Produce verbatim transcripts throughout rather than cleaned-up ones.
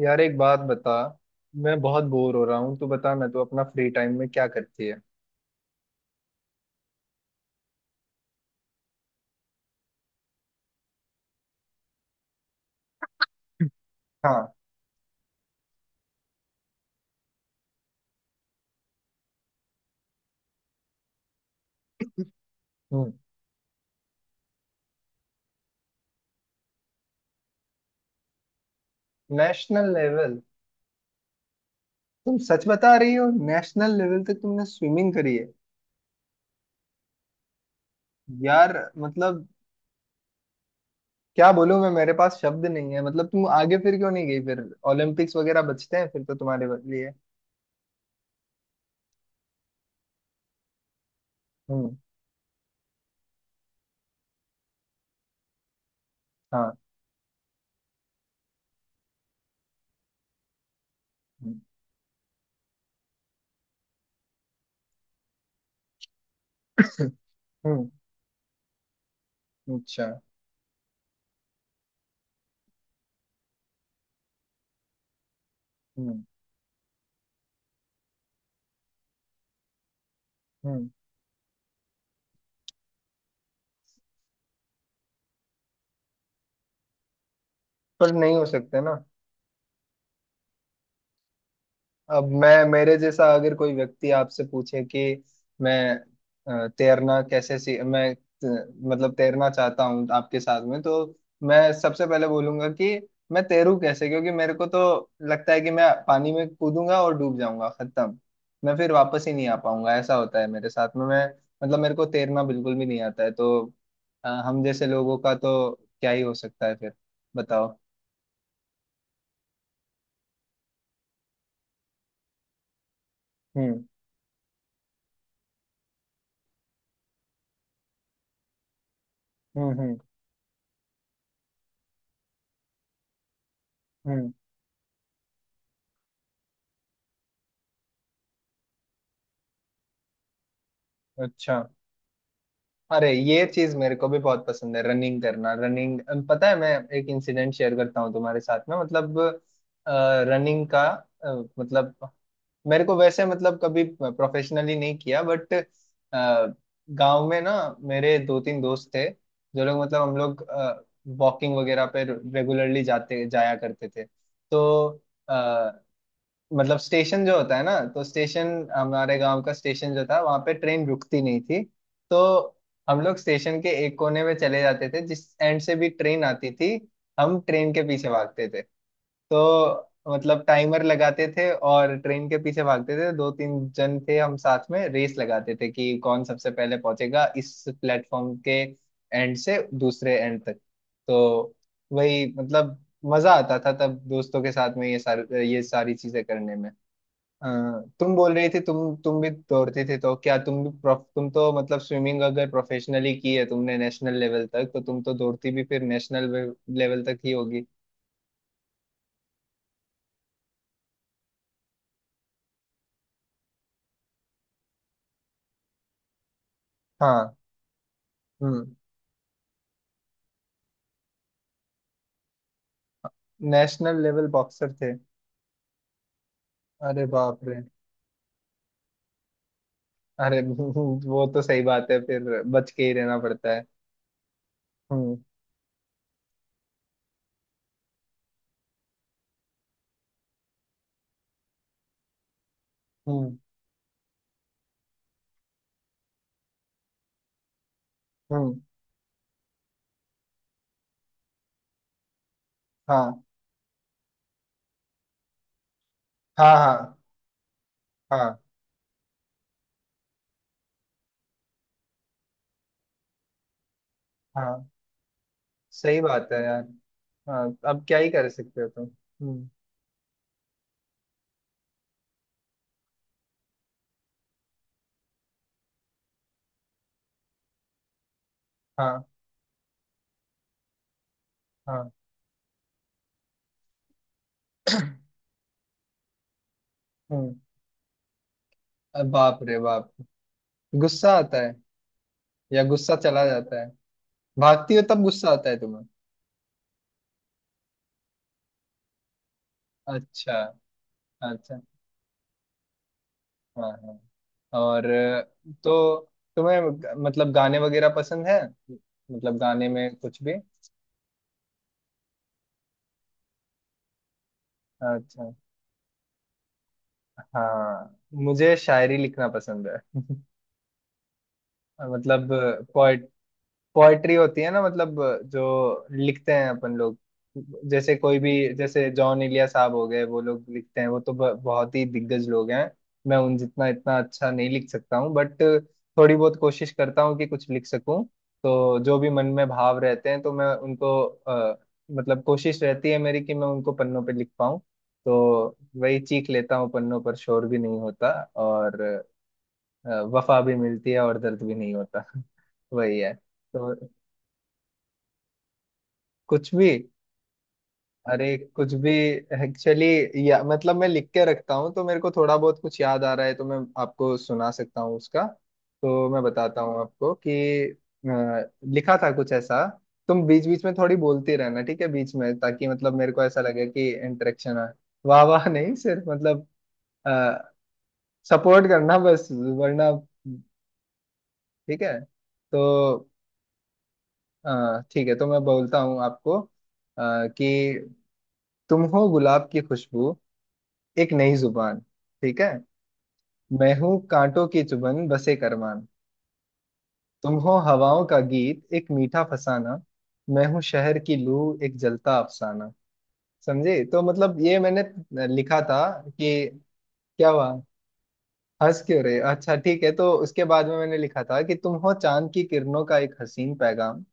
यार, एक बात बता। मैं बहुत बोर हो रहा हूँ। तू बता, मैं तो अपना फ्री टाइम में क्या करती है। हाँ। हम्म। National level. तुम सच बता रही हो, नेशनल लेवल तक तुमने स्विमिंग करी है? यार, मतलब क्या बोलूं मैं, मेरे पास शब्द नहीं है। मतलब तुम आगे फिर क्यों नहीं गई? फिर ओलंपिक्स वगैरह बचते हैं फिर तो तुम्हारे लिए। हम्म। हाँ। हम्म। हम्म, अच्छा। हम्म। हम्म। पर नहीं हो सकते ना। अब मैं मेरे जैसा अगर कोई व्यक्ति आपसे पूछे कि मैं अ, तैरना कैसे सी मैं त- मतलब तैरना चाहता हूँ आपके साथ में, तो मैं सबसे पहले बोलूंगा कि मैं तैरूं कैसे, क्योंकि मेरे को तो लगता है कि मैं पानी में कूदूंगा और डूब जाऊंगा, खत्म। मैं फिर वापस ही नहीं आ पाऊंगा। ऐसा होता है मेरे साथ में। मैं मतलब मेरे को तैरना बिल्कुल भी नहीं आता है। तो अ, हम जैसे लोगों का तो क्या ही हो सकता है फिर? बताओ। हम्म। हम्म। हम्म। हम्म। अच्छा। अरे, ये चीज मेरे को भी बहुत पसंद है, रनिंग करना, रनिंग। पता है, मैं एक इंसिडेंट शेयर करता हूँ तुम्हारे साथ में। मतलब रनिंग का अ, मतलब मेरे को वैसे मतलब कभी प्रोफेशनली नहीं किया, बट गांव में ना मेरे दो तीन दोस्त थे, जो लोग मतलब हम लोग वॉकिंग वगैरह पे रेगुलरली जाते जाया करते थे। तो मतलब स्टेशन जो होता है ना, तो स्टेशन हमारे गांव का स्टेशन जो था वहां पे ट्रेन रुकती नहीं थी। तो हम लोग स्टेशन के एक कोने में चले जाते थे, जिस एंड से भी ट्रेन आती थी। हम ट्रेन के पीछे भागते थे। तो मतलब टाइमर लगाते थे और ट्रेन के पीछे भागते थे। दो तीन जन थे हम, साथ में रेस लगाते थे कि कौन सबसे पहले पहुंचेगा इस प्लेटफॉर्म के एंड से दूसरे एंड तक। तो वही मतलब मजा आता था तब दोस्तों के साथ में ये सारे ये सारी चीजें करने में। हाँ, तुम बोल रही थी तुम तुम भी दौड़ती थी, तो क्या तुम भी प्रो- तुम तो मतलब स्विमिंग अगर प्रोफेशनली की है तुमने नेशनल लेवल तक, तो तुम तो दौड़ती भी फिर नेशनल लेवल तक ही होगी। हाँ। हम्म। नेशनल लेवल बॉक्सर थे? अरे बाप रे! अरे वो तो सही बात है, फिर बच के ही रहना पड़ता है। हम्म। हम्म। हम्म। हाँ। हाँ। हाँ। हाँ। हाँ, सही बात है यार। हाँ। अब क्या ही कर सकते हो तुम। हम्म। हाँ। हाँ। हम्म। अरे बाप रे बाप! गुस्सा आता है या गुस्सा चला जाता है? भागती हो तब गुस्सा आता है तुम्हें? अच्छा। अच्छा। हाँ। हाँ। और अ, तो तुम्हें ग- मतलब गाने वगैरह पसंद है? मतलब गाने में कुछ भी। अच्छा। हाँ। मुझे शायरी लिखना पसंद है। मतलब पोएट, पोएट्री होती है ना, मतलब जो लिखते हैं अपन लोग। जैसे कोई भी, जैसे जॉन इलिया साहब हो गए, वो लोग लिखते हैं, वो तो ब- बहुत ही दिग्गज लोग हैं। मैं उन जितना इतना अच्छा नहीं लिख सकता हूँ, बट थोड़ी बहुत कोशिश करता हूँ कि कुछ लिख सकूँ। तो जो भी मन में भाव रहते हैं, तो मैं उनको अ, मतलब कोशिश रहती है मेरी कि मैं उनको पन्नों पे लिख पाऊँ। तो वही चीख लेता हूँ पन्नों पर, शोर भी नहीं होता। और अ, वफा भी मिलती है और दर्द भी नहीं होता। वही है तो। कुछ भी। अरे कुछ भी। एक्चुअली या मतलब मैं लिख के रखता हूँ, तो मेरे को थोड़ा बहुत कुछ याद आ रहा है, तो मैं आपको सुना सकता हूँ उसका। तो मैं बताता हूँ आपको कि अ, लिखा था कुछ ऐसा। तुम बीच बीच में थोड़ी बोलती रहना, ठीक है बीच में, ताकि मतलब मेरे को ऐसा लगे कि इंटरेक्शन है। वाह वाह नहीं, सिर्फ मतलब सपोर्ट करना बस, वरना। ठीक है। तो अ, ठीक है, तो मैं बोलता हूँ आपको अ, कि तुम हो गुलाब की खुशबू, एक नई जुबान। ठीक है। मैं हूँ कांटों की चुभन बसे करमान। तुम हो हवाओं का गीत, एक मीठा फसाना। मैं हूँ शहर की लू, एक जलता अफसाना। समझे? तो मतलब ये मैंने लिखा था। कि क्या हुआ, हंस क्यों रहे? अच्छा ठीक है। तो उसके बाद में मैंने लिखा था कि तुम हो चांद की किरणों का एक हसीन पैगाम।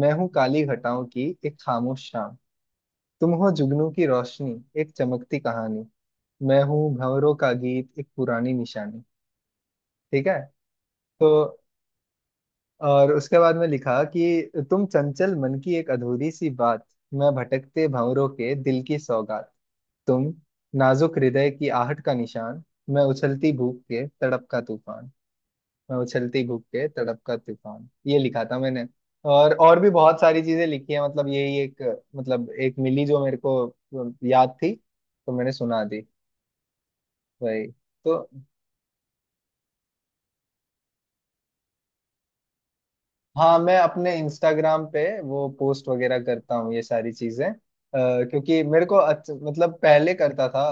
मैं हूँ काली घटाओं की एक खामोश शाम। तुम हो जुगनू की रोशनी, एक चमकती कहानी। मैं हूँ भंवरों का गीत, एक पुरानी निशानी। ठीक है। तो और उसके बाद में लिखा कि तुम चंचल मन की एक अधूरी सी बात। मैं भटकते भंवरों के दिल की सौगात। तुम नाजुक हृदय की आहट का निशान। मैं उछलती भूख के तड़प का तूफान। मैं उछलती भूख के तड़प का तूफान, ये लिखा था मैंने। और और भी बहुत सारी चीजें लिखी है, मतलब यही एक मतलब एक मिली जो मेरे को याद थी, तो मैंने सुना दी। वही तो। हाँ, मैं अपने इंस्टाग्राम पे वो पोस्ट वगैरह करता हूँ ये सारी चीजें। अ, क्योंकि मेरे को अच्छ, मतलब पहले करता था।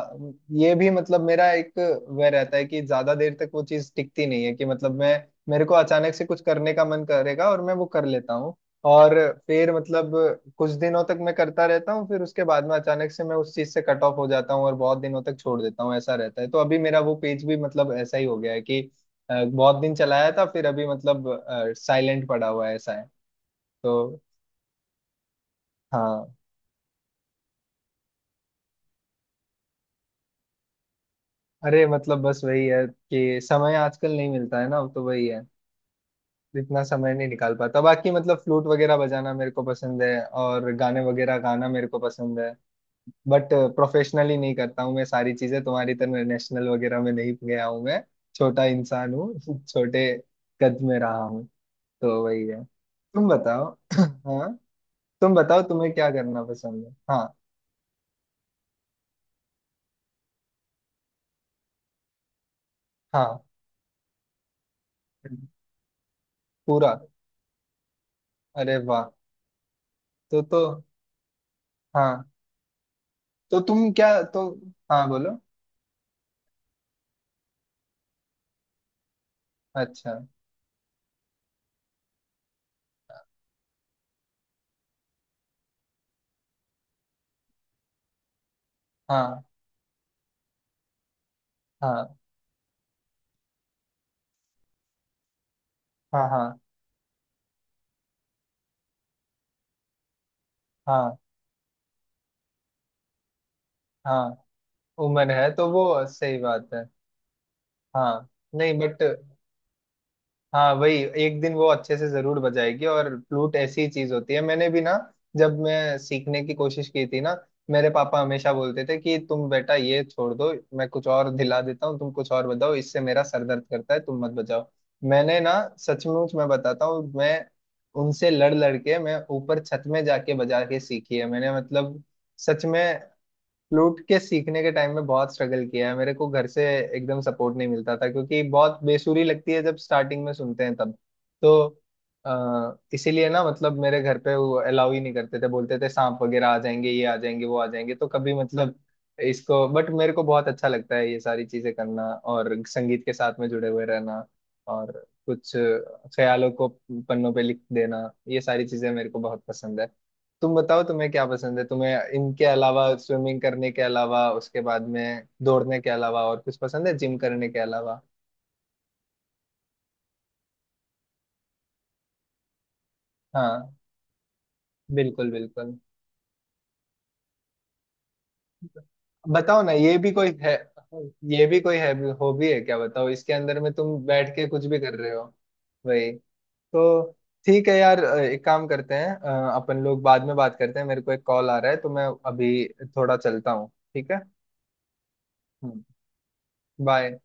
ये भी मतलब मेरा एक वह रहता है कि ज्यादा देर तक वो चीज टिकती नहीं है कि मतलब मैं मेरे को अचानक से कुछ करने का मन करेगा और मैं वो कर लेता हूँ। और फिर मतलब कुछ दिनों तक मैं करता रहता हूँ, फिर उसके बाद में अचानक से मैं उस चीज से कट ऑफ हो जाता हूँ और बहुत दिनों तक छोड़ देता हूँ। ऐसा रहता है। तो अभी मेरा वो पेज भी मतलब ऐसा ही हो गया है कि अ, बहुत दिन चलाया था, फिर अभी मतलब साइलेंट पड़ा हुआ है, ऐसा है। तो। हाँ। अरे मतलब बस वही है कि समय आजकल नहीं मिलता है ना, तो वही है। इतना समय नहीं निकाल पाता। बाकी मतलब फ्लूट वगैरह बजाना मेरे को पसंद है और गाने वगैरह गाना मेरे को पसंद है, बट प्रोफेशनली नहीं करता हूँ मैं सारी चीजें तुम्हारी तरह। नेशनल वगैरह में नहीं गया हूँ मैं, छोटा इंसान हूँ। छोटे कद में रहा हूँ, तो वही है। तुम बताओ। हाँ, तुम बताओ, तुम्हें क्या करना पसंद है? हाँ। हाँ, पूरा। अरे वाह! तो तो हाँ, तो तुम क्या, तो, हाँ, बोलो। अच्छा। हाँ। हाँ। हाँ। हाँ। हाँ। हाँ, उम्र है तो वो सही बात है। हाँ। नहीं, बट हाँ, वही, एक दिन वो अच्छे से जरूर बजाएगी। और फ्लूट ऐसी चीज होती है, मैंने भी ना जब मैं सीखने की कोशिश की थी ना, मेरे पापा हमेशा बोलते थे कि तुम बेटा ये छोड़ दो, मैं कुछ और दिला देता हूँ, तुम कुछ और बजाओ, इससे मेरा सर दर्द करता है, तुम मत बजाओ। मैंने ना, सचमुच मैं बताता हूँ, मैं उनसे लड़ लड़ के मैं ऊपर छत में जाके बजा के सीखी है मैंने, मतलब सच में। फ्लूट के सीखने के टाइम में बहुत स्ट्रगल किया है। मेरे को घर से एकदम सपोर्ट नहीं मिलता था, क्योंकि बहुत बेसुरी लगती है जब स्टार्टिंग में सुनते हैं तब। तो अ, इसीलिए ना मतलब मेरे घर पे वो अलाउ ही नहीं करते थे, बोलते थे सांप वगैरह आ जाएंगे, ये आ जाएंगे, वो आ जाएंगे, तो कभी मतलब इसको। बट मेरे को बहुत अच्छा लगता है ये सारी चीजें करना और संगीत के साथ में जुड़े हुए रहना और कुछ ख्यालों को पन्नों पे लिख देना, ये सारी चीजें मेरे को बहुत पसंद है। तुम बताओ, तुम्हें क्या पसंद है? तुम्हें इनके अलावा, स्विमिंग करने के अलावा, उसके बाद में दौड़ने के अलावा और कुछ पसंद है जिम करने के अलावा? हाँ। बिल्कुल बिल्कुल। बताओ ना, ये भी कोई है, ये भी कोई है हॉबी है क्या? बताओ, इसके अंदर में तुम बैठ के कुछ भी कर रहे हो। वही। तो। ठीक है यार, अ, एक काम करते हैं, अ, अपन लोग बाद में बात करते हैं, मेरे को एक कॉल आ रहा है तो मैं अभी थोड़ा चलता हूँ। ठीक है। बाय।